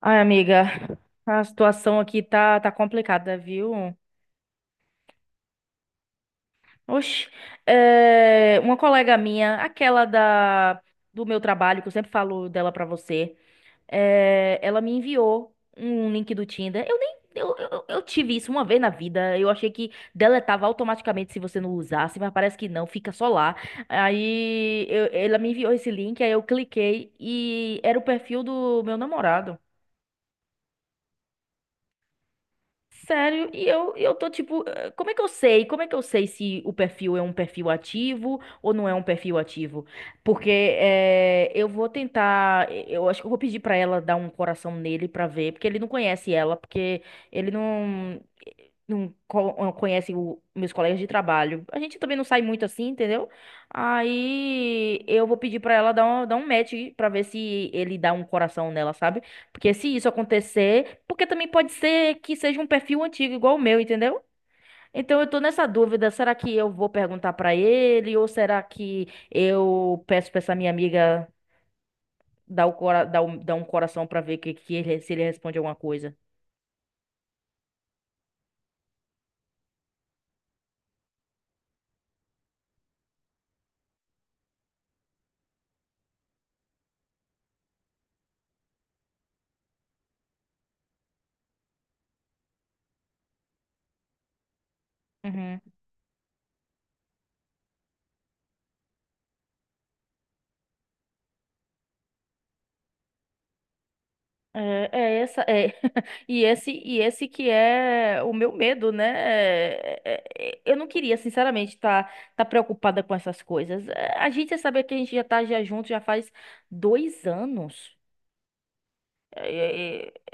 Ai, amiga, a situação aqui tá complicada, viu? Oxi, uma colega minha, aquela do meu trabalho, que eu sempre falo dela pra você, ela me enviou um link do Tinder. Eu nem. Eu tive isso uma vez na vida. Eu achei que deletava automaticamente se você não usasse, mas parece que não, fica só lá. Aí ela me enviou esse link, aí eu cliquei e era o perfil do meu namorado. Sério, e eu tô tipo, como é que eu sei? Como é que eu sei se o perfil é um perfil ativo ou não é um perfil ativo? Porque eu vou tentar, eu acho que eu vou pedir pra ela dar um coração nele pra ver, porque ele não conhece ela, porque ele não conhece meus colegas de trabalho. A gente também não sai muito assim, entendeu? Aí eu vou pedir pra ela dar um match pra ver se ele dá um coração nela, sabe? Porque se isso acontecer, porque também pode ser que seja um perfil antigo igual o meu, entendeu? Então eu tô nessa dúvida, será que eu vou perguntar pra ele ou será que eu peço pra essa minha amiga dar, o cora dar um coração pra ver se ele responde alguma coisa? Uhum. É essa é e esse que é o meu medo, né? Eu não queria, sinceramente, tá preocupada com essas coisas. A gente já sabe que a gente já tá já junto já faz 2 anos. É, é,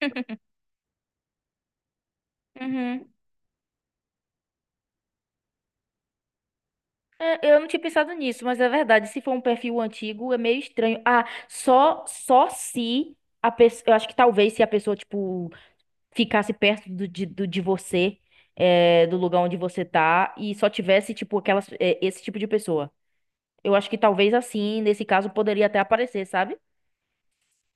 Uhum. É, eu não tinha pensado nisso, mas é verdade. Se for um perfil antigo, é meio estranho. Ah, só se a pessoa. Eu acho que talvez se a pessoa, tipo, ficasse perto de você, é, do lugar onde você tá, e só tivesse, tipo, esse tipo de pessoa. Eu acho que talvez assim, nesse caso, poderia até aparecer, sabe?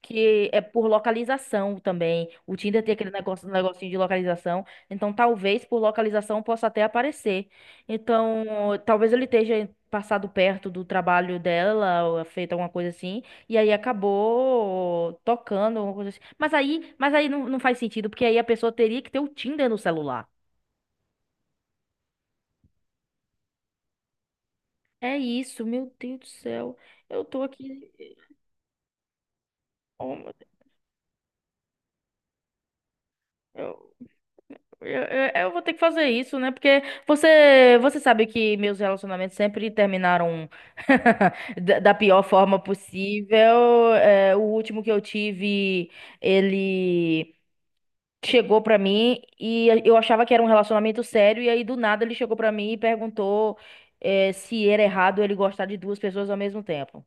Que é por localização também. O Tinder tem aquele negócio, um negocinho de localização, então talvez por localização possa até aparecer. Então, talvez ele esteja passado perto do trabalho dela, ou feito alguma coisa assim, e aí acabou tocando alguma coisa assim. Mas aí não faz sentido, porque aí a pessoa teria que ter o Tinder no celular. É isso, meu Deus do céu. Eu tô aqui. Oh, meu Deus. Eu vou ter que fazer isso, né? Porque você sabe que meus relacionamentos sempre terminaram da pior forma possível. O último que eu tive, ele chegou pra mim e eu achava que era um relacionamento sério. E aí, do nada, ele chegou pra mim e perguntou, se era errado ele gostar de duas pessoas ao mesmo tempo.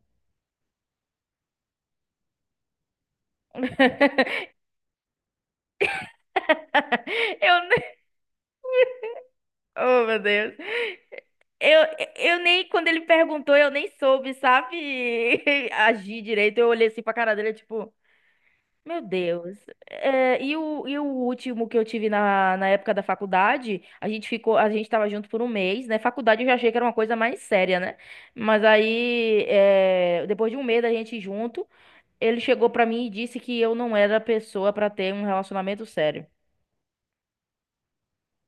Eu nem... Oh, meu Deus. Eu, eu nem, quando ele perguntou, eu nem soube, sabe, agir direito. Eu olhei assim pra cara dele, tipo. Meu Deus. E o último que eu tive na época da faculdade, a gente tava junto por um mês, né? Faculdade eu já achei que era uma coisa mais séria, né? Mas aí, depois de um mês da gente junto, ele chegou pra mim e disse que eu não era a pessoa pra ter um relacionamento sério.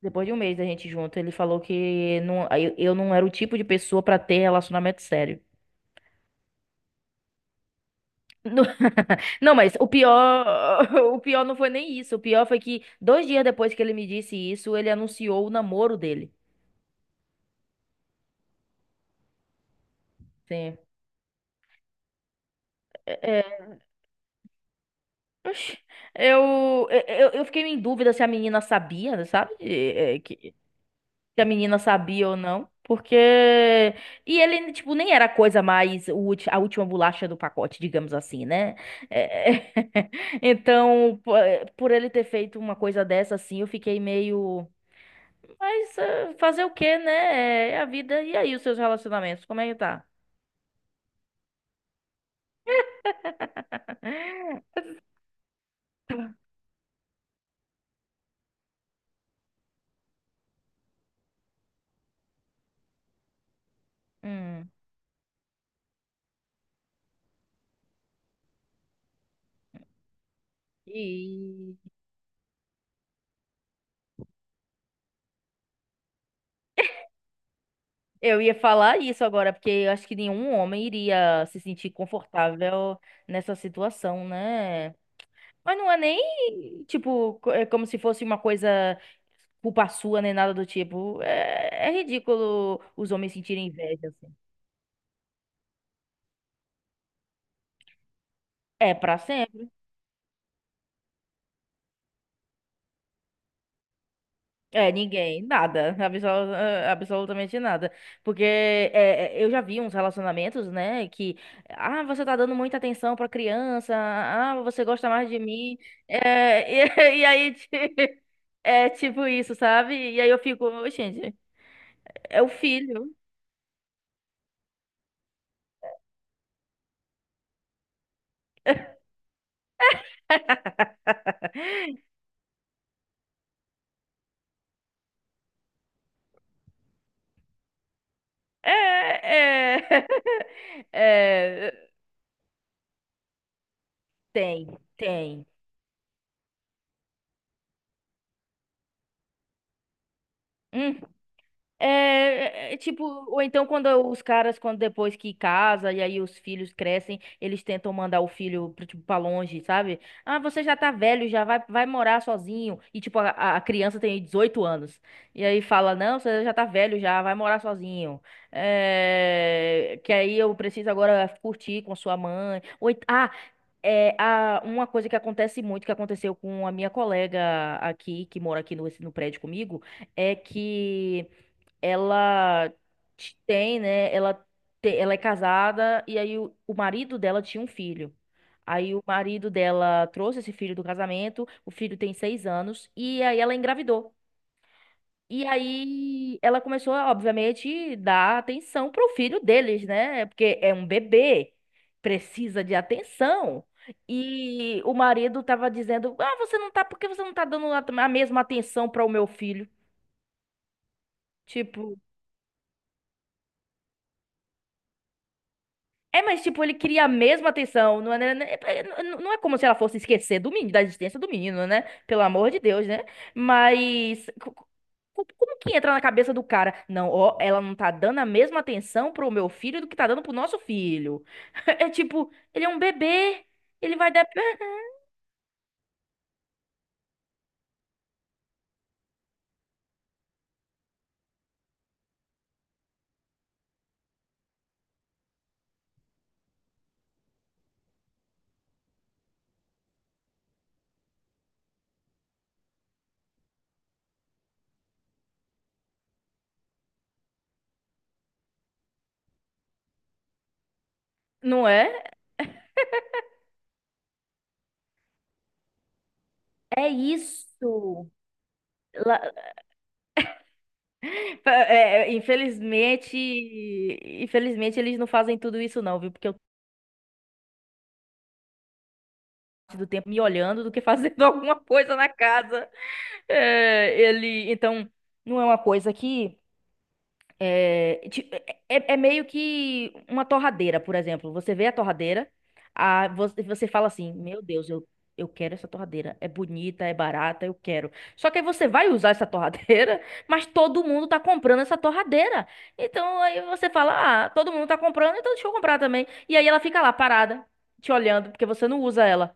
Depois de um mês da gente junto, ele falou que não, eu não era o tipo de pessoa pra ter relacionamento sério. Não, mas o pior, o pior não foi nem isso. O pior foi que 2 dias depois que ele me disse isso, ele anunciou o namoro dele. Sim. É, é. Oxi, eu, é, é, eu fiquei em dúvida se a menina sabia, sabe? Que, se a menina sabia ou não. Porque. E ele, tipo, nem era a coisa mais. A última bolacha do pacote, digamos assim, né? É, Então, por ele ter feito uma coisa dessa, assim, eu fiquei meio. Mas fazer o quê, né? É a vida. E aí, os seus relacionamentos, como é que tá? Hum. E eu ia falar isso agora, porque eu acho que nenhum homem iria se sentir confortável nessa situação, né? Mas não é nem, tipo, é como se fosse uma coisa culpa sua, nem nada do tipo. É, é ridículo os homens sentirem inveja, assim. É pra sempre. É, ninguém, nada, absolutamente nada. Porque eu já vi uns relacionamentos, né, que, ah, você tá dando muita atenção pra criança, ah, você gosta mais de mim, é, e aí, tipo isso, sabe? E aí eu fico, gente, é o filho. É, é, é, tem, tem. Uhum. Tipo, ou então quando os caras, quando depois que casa e aí os filhos crescem, eles tentam mandar o filho pra, tipo, pra longe, sabe? Ah, você já tá velho, já vai, vai morar sozinho. E tipo, a criança tem 18 anos. E aí fala, não, você já tá velho, já vai morar sozinho. É, que aí eu preciso agora curtir com sua mãe. Ou, uma coisa que acontece muito, que aconteceu com a minha colega aqui, que mora aqui no, no prédio comigo, é que ela tem, né? Ela é casada e aí o marido dela tinha um filho. Aí o marido dela trouxe esse filho do casamento, o filho tem 6 anos, e aí ela engravidou. E aí ela começou, obviamente, dar atenção pro filho deles, né? Porque é um bebê, precisa de atenção. E o marido tava dizendo: Ah, você não tá, por que você não tá dando a mesma atenção para o meu filho? Tipo. É, mas tipo, ele queria a mesma atenção. Não é, não é como se ela fosse esquecer do menino, da existência do menino, né? Pelo amor de Deus, né? Mas como que entra na cabeça do cara? Não, ó, ela não tá dando a mesma atenção pro meu filho do que tá dando pro nosso filho. É tipo, ele é um bebê. Ele vai dar. Não é? É isso. Lá- é, é, infelizmente, infelizmente, eles não fazem tudo isso não, viu? Porque eu passo do tempo me olhando do que fazendo alguma coisa na casa. É, ele, então, não é uma coisa que é, ti- é meio que uma torradeira, por exemplo. Você vê a torradeira, você fala assim, meu Deus, eu quero essa torradeira. É bonita, é barata, eu quero. Só que aí você vai usar essa torradeira, mas todo mundo tá comprando essa torradeira. Então aí você fala, ah, todo mundo tá comprando, então deixa eu comprar também. E aí ela fica lá parada, te olhando, porque você não usa ela.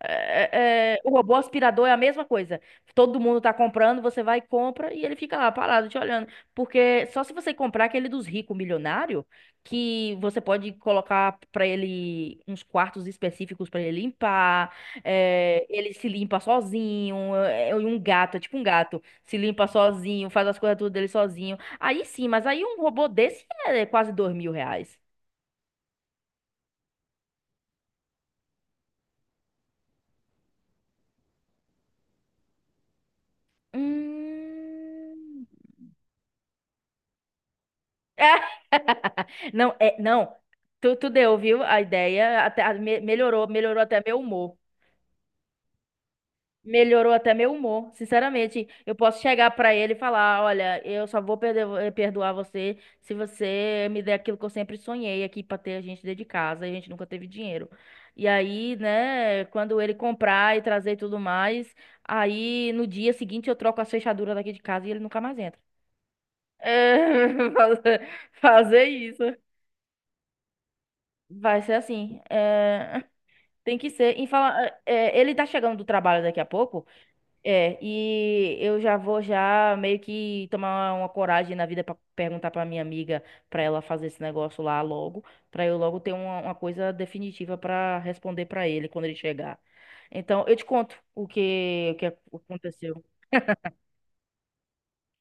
O robô aspirador é a mesma coisa. Todo mundo tá comprando, você vai e compra e ele fica lá parado te olhando. Porque só se você comprar aquele dos ricos milionário, que você pode colocar pra ele uns quartos específicos pra ele limpar, é, ele se limpa sozinho, é, um gato, é tipo um gato, se limpa sozinho, faz as coisas tudo dele sozinho. Aí sim, mas aí um robô desse é quase R$ 2.000. Hum... Não, não. Tu deu, viu? A ideia até melhorou, melhorou até meu humor. Melhorou até meu humor, sinceramente. Eu posso chegar pra ele e falar, olha, eu só vou perdoar você se você me der aquilo que eu sempre sonhei aqui pra ter a gente dentro de casa, e a gente nunca teve dinheiro. E aí, né, quando ele comprar e trazer e tudo mais, aí no dia seguinte eu troco as fechaduras daqui de casa e ele nunca mais entra. É, fazer fazer isso. Vai ser assim. Tem que ser. Em fala, ele tá chegando do trabalho daqui a pouco, é, e eu já vou já meio que tomar uma coragem na vida pra perguntar pra minha amiga pra ela fazer esse negócio lá logo, pra eu logo ter uma coisa definitiva pra responder pra ele quando ele chegar. Então, eu te conto o que aconteceu.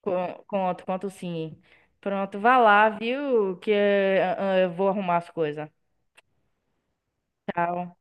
Conto, conto sim. Pronto, vá lá, viu? Que eu vou arrumar as coisas. Tchau.